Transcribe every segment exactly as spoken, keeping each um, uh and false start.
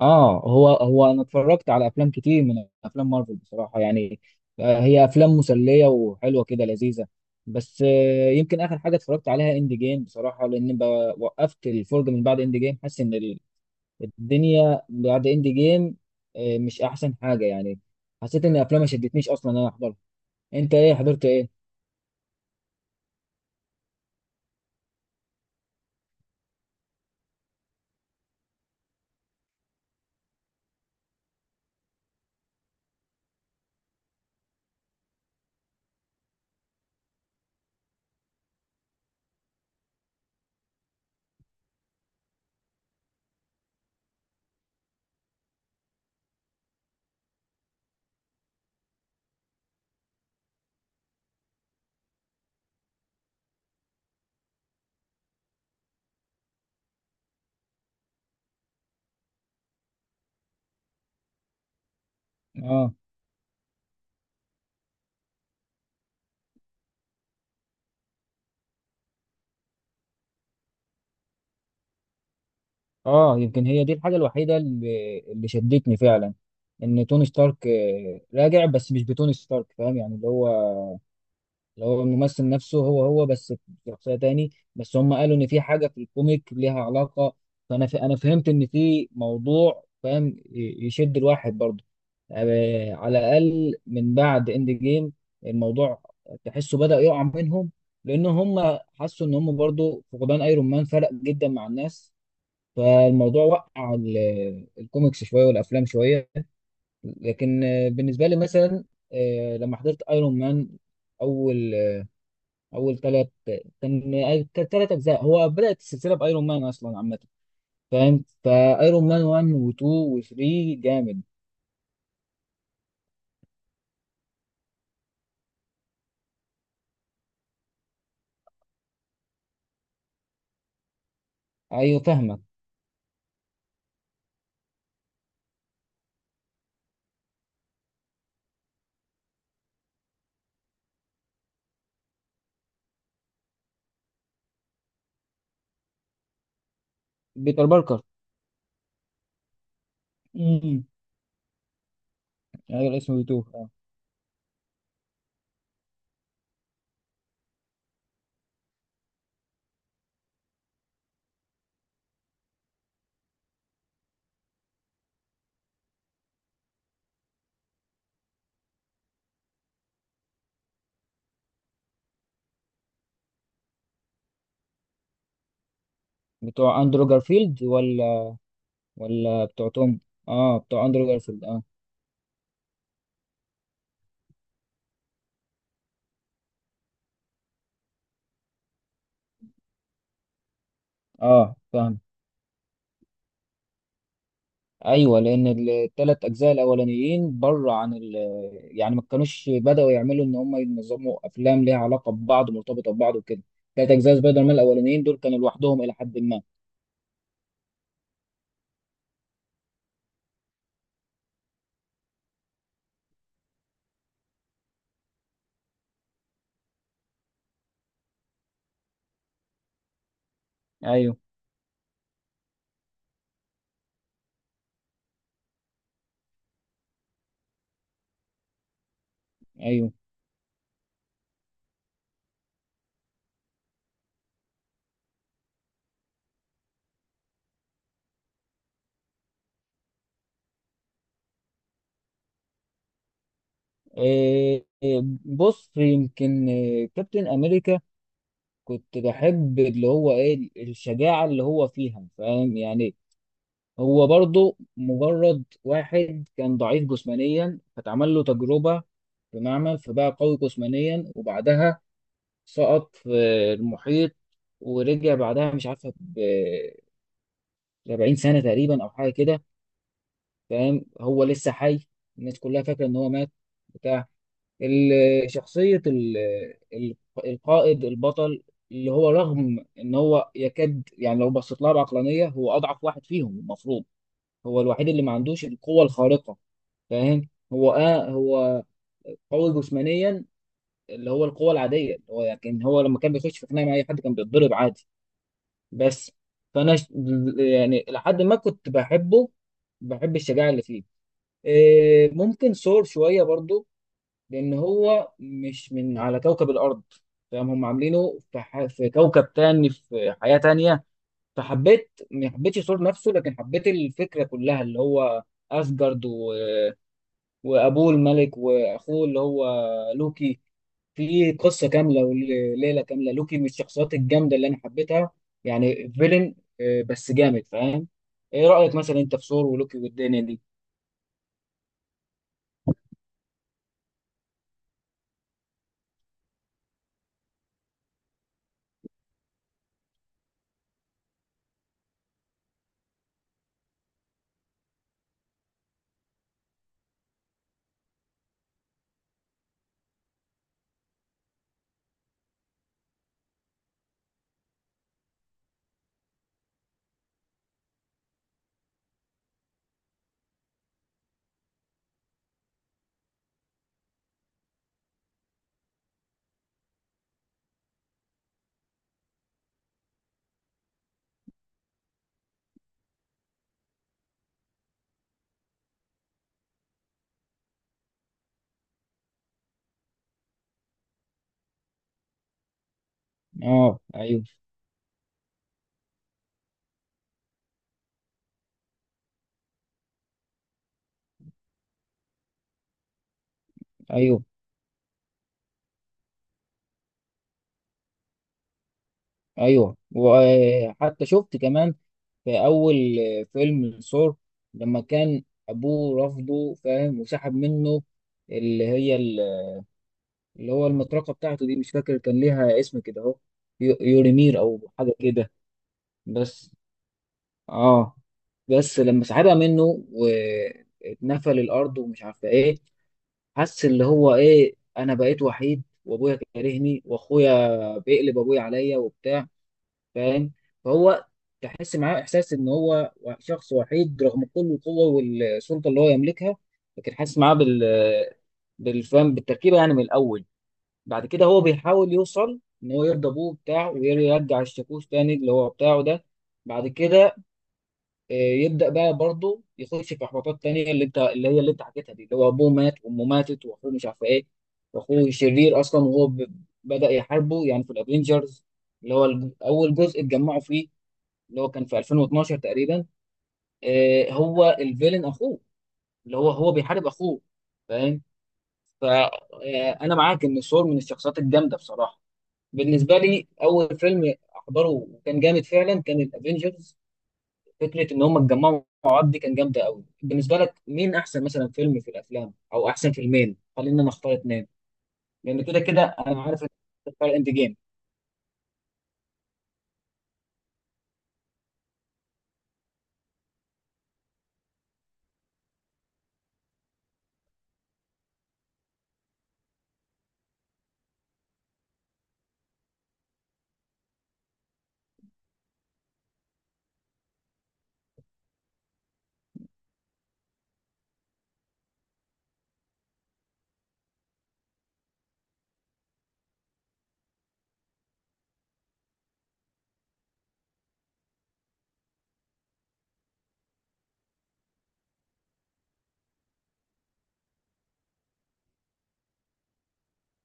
اه هو هو انا اتفرجت على افلام كتير من افلام مارفل بصراحه يعني. آه، هي افلام مسليه وحلوه كده لذيذه. بس آه، يمكن اخر حاجه اتفرجت عليها اند جيم بصراحه، لان بقى- وقفت الفرجه من بعد اند جيم، حاسس ان ال- الدنيا بعد اند جيم آه، مش احسن حاجه يعني. حسيت ان الافلام ما شدتنيش اصلا ان انا احضرها. انت ايه حضرت ايه؟ اه. اه، يمكن هي دي الحاجه الوحيده اللي اللي شدتني فعلا، ان توني ستارك آه، راجع، بس مش بتوني ستارك، فاهم يعني، اللي هو اللي هو الممثل نفسه، هو هو بس في شخصية تاني. بس هم قالوا ان في حاجة في الكوميك ليها علاقة، فانا ف... انا فهمت ان في موضوع فاهم، ي- يشد الواحد برضه آه، على الاقل من بعد اند جيم. الموضوع تحسه بدأ يقع منهم، لان هم حسوا ان هم برضه فقدان ايرون مان فرق جدا مع الناس. فالموضوع وقع، ال- الكوميكس شوية والافلام شوية. لكن آه، بالنسبة لي مثلا، آه، لما حضرت ايرون مان، اول اول ثلاث كان ثلاث اجزاء، هو بدات السلسله بايرون مان اصلا عامه، فاهم، فايرون مان واحد واتنين وتلاته جامد. ايوه فاهمك. بيتر باركر. امم. ايوه، اسمه اتنين. اه، بتوع اندرو جارفيلد ولا ولا بتوع توم. اه بتوع اندرو جارفيلد اه. اه فاهم. ايوه، لان الثلاث اجزاء الاولانيين بره عن ال يعني ما كانوش بداوا يعملوا ان هم ينظموا افلام ليها علاقه ببعض مرتبطه ببعض وكده. ثلاث اجزاء سبايدر مان الاولانيين دول كانوا لوحدهم الى حد ما. ايوه. ايوه. إيه إيه، بص يمكن إيه، كابتن امريكا. كنت بحب اللي هو ايه الشجاعه اللي هو فيها، فاهم يعني. هو برضه مجرد واحد كان ضعيف جسمانيا، فتعمل له تجربه في معمل فبقى قوي جسمانيا، وبعدها سقط في المحيط ورجع بعدها مش عارفه ب سبعين سنه تقريبا او حاجه كده، فاهم. هو لسه حي، الناس كلها فاكره ان هو مات. بتاع. ال- شخصية ال- ال- القائد البطل، اللي هو رغم ان هو يكاد يعني، لو بصيت لها بعقلانية، هو اضعف واحد فيهم المفروض. هو الوحيد اللي ما عندوش القوة الخارقة، فاهم. هو اه هو قوي جسمانيا اللي هو القوة العادية، اللي هو لكن هو لما كان بيخش في خناقة مع اي حد كان بيتضرب عادي بس. فانا ش- يعني لحد ما كنت بحبه، بحب الشجاعة اللي فيه. إيه، ممكن سور شوية برضو، لان هو مش من على كوكب الارض، فاهم. هم عاملينه في, ح... في كوكب تاني في حياة تانية، فحبيت ما حبيتش الصوت نفسه لكن حبيت الفكرة كلها، اللي هو اسجارد و... وابوه الملك واخوه اللي هو لوكي. في قصة كاملة وليلة كاملة. لوكي من الشخصيات الجامدة اللي انا حبيتها، يعني فيلن آه، بس جامد، فاهم. ايه رأيك مثلا انت في ثور ولوكي والدنيا دي؟ اه ايوه. ايوه ايوه، وحتى شفت كمان في أول فيلم الثور، لما كان أبوه رفضه فاهم، وسحب منه اللي هي ال- اللي هو المطرقة بتاعته دي، مش فاكر كان ليها اسم كده أهو، يو- يوريمير أو حاجة كده. بس آه بس لما سحبها منه واتنفل الأرض ومش عارفة إيه، حس اللي هو إيه، أنا بقيت وحيد وأبويا كارهني وأخويا بيقلب أبويا عليا وبتاع، فاهم. فهو تحس معاه احساس ان هو شخص وحيد رغم كل القوه والسلطه اللي هو يملكها، لكن حاسس معاه بال بالفهم بالتركيبه يعني من الاول. بعد كده هو بيحاول يوصل ان هو يرضى ابوه بتاعه ويرجع الشاكوش تاني اللي هو بتاعه ده. بعد كده آه، يبدا بقى برضه يخش في احباطات تانيه، اللي انت اللي هي اللي انت حكيتها دي، اللي هو ابوه مات وامه ماتت واخوه مش عارف ايه. واخوه شرير اصلا، وهو ب- بدا يحاربه يعني في الافينجرز، اللي هو الج- اول جزء اتجمعوا فيه، اللي هو كان في الفين واثناشر تقريبا. آه، هو الفيلن اخوه، اللي هو هو بيحارب اخوه، فاهم. فانا معاك ان سور من الشخصيات الجامده بصراحه. بالنسبه لي اول فيلم احضره وكان جامد فعلا كان الافينجرز، فكره ان هم اتجمعوا مع بعض دي كان جامده قوي. بالنسبه لك مين احسن مثلا فيلم في الافلام، او احسن فيلمين، خلينا نختار اتنين، لان كده كده انا عارف إن إنت بتختار اند جيم.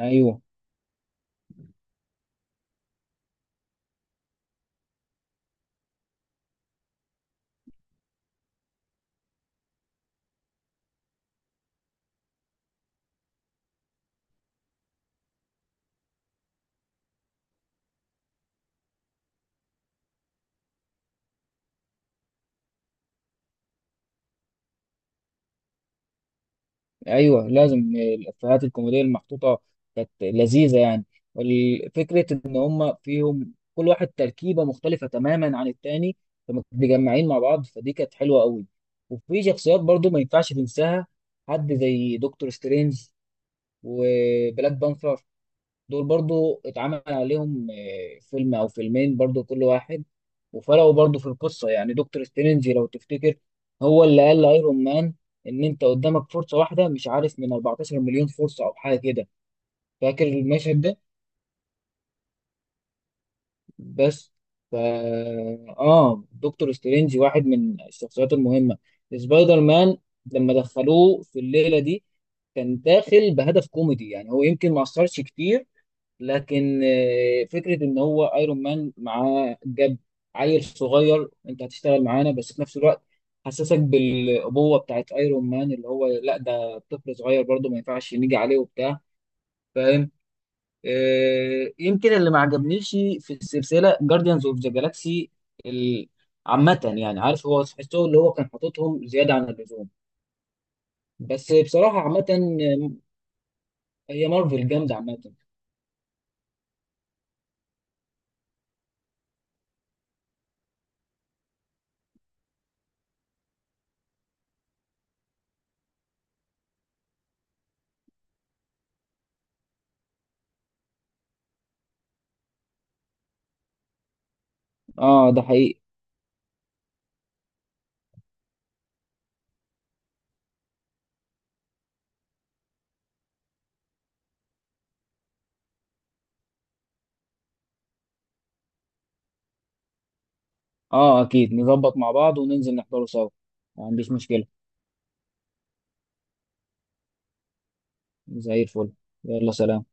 ايوه. ايوه، لازم الافيهات الكوميديه المحطوطه كانت لذيذه يعني، والفكره ان هم فيهم كل واحد تركيبه مختلفه تماما عن التاني، فما متجمعين مع بعض فدي كانت حلوه قوي. وفي شخصيات برضو ما ينفعش تنساها، حد زي دكتور سترينج وبلاك بانثر، دول برضو اتعمل عليهم آه، فيلم او فيلمين برضو كل واحد. وفرقوا برضو في القصة، يعني دكتور سترينج لو تفتكر هو اللي قال لايرون مان ان انت قدامك فرصة واحدة مش عارف من اربعة عشر مليون فرصة او حاجة كده، فاكر المشهد ده. بس فا اه دكتور سترينج واحد من الشخصيات المهمة. سبايدر مان لما دخلوه في الليلة دي كان داخل بهدف كوميدي يعني، هو يمكن ما اثرش كتير، لكن آه، فكره ان هو ايرون مان معاه جاب عيل صغير انت هتشتغل معانا، بس في نفس الوقت حسسك بالابوه بتاعت ايرون مان اللي هو لا ده طفل صغير برضه ما ينفعش نيجي عليه وبتاع، فاهم. آه، يمكن اللي ما عجبنيش في السلسله جارديانز اوف ذا جالاكسي عامه، يعني عارف هو تحسه اللي هو كان حاططهم زياده عن اللزوم. بس بصراحه عامه آه، هي مارفل جامده عامه. اه ده حقيقي. اه اكيد نظبط مع بعض وننزل نحضره سوا، ما عنديش مشكلة. زي الفل. يلا سلام.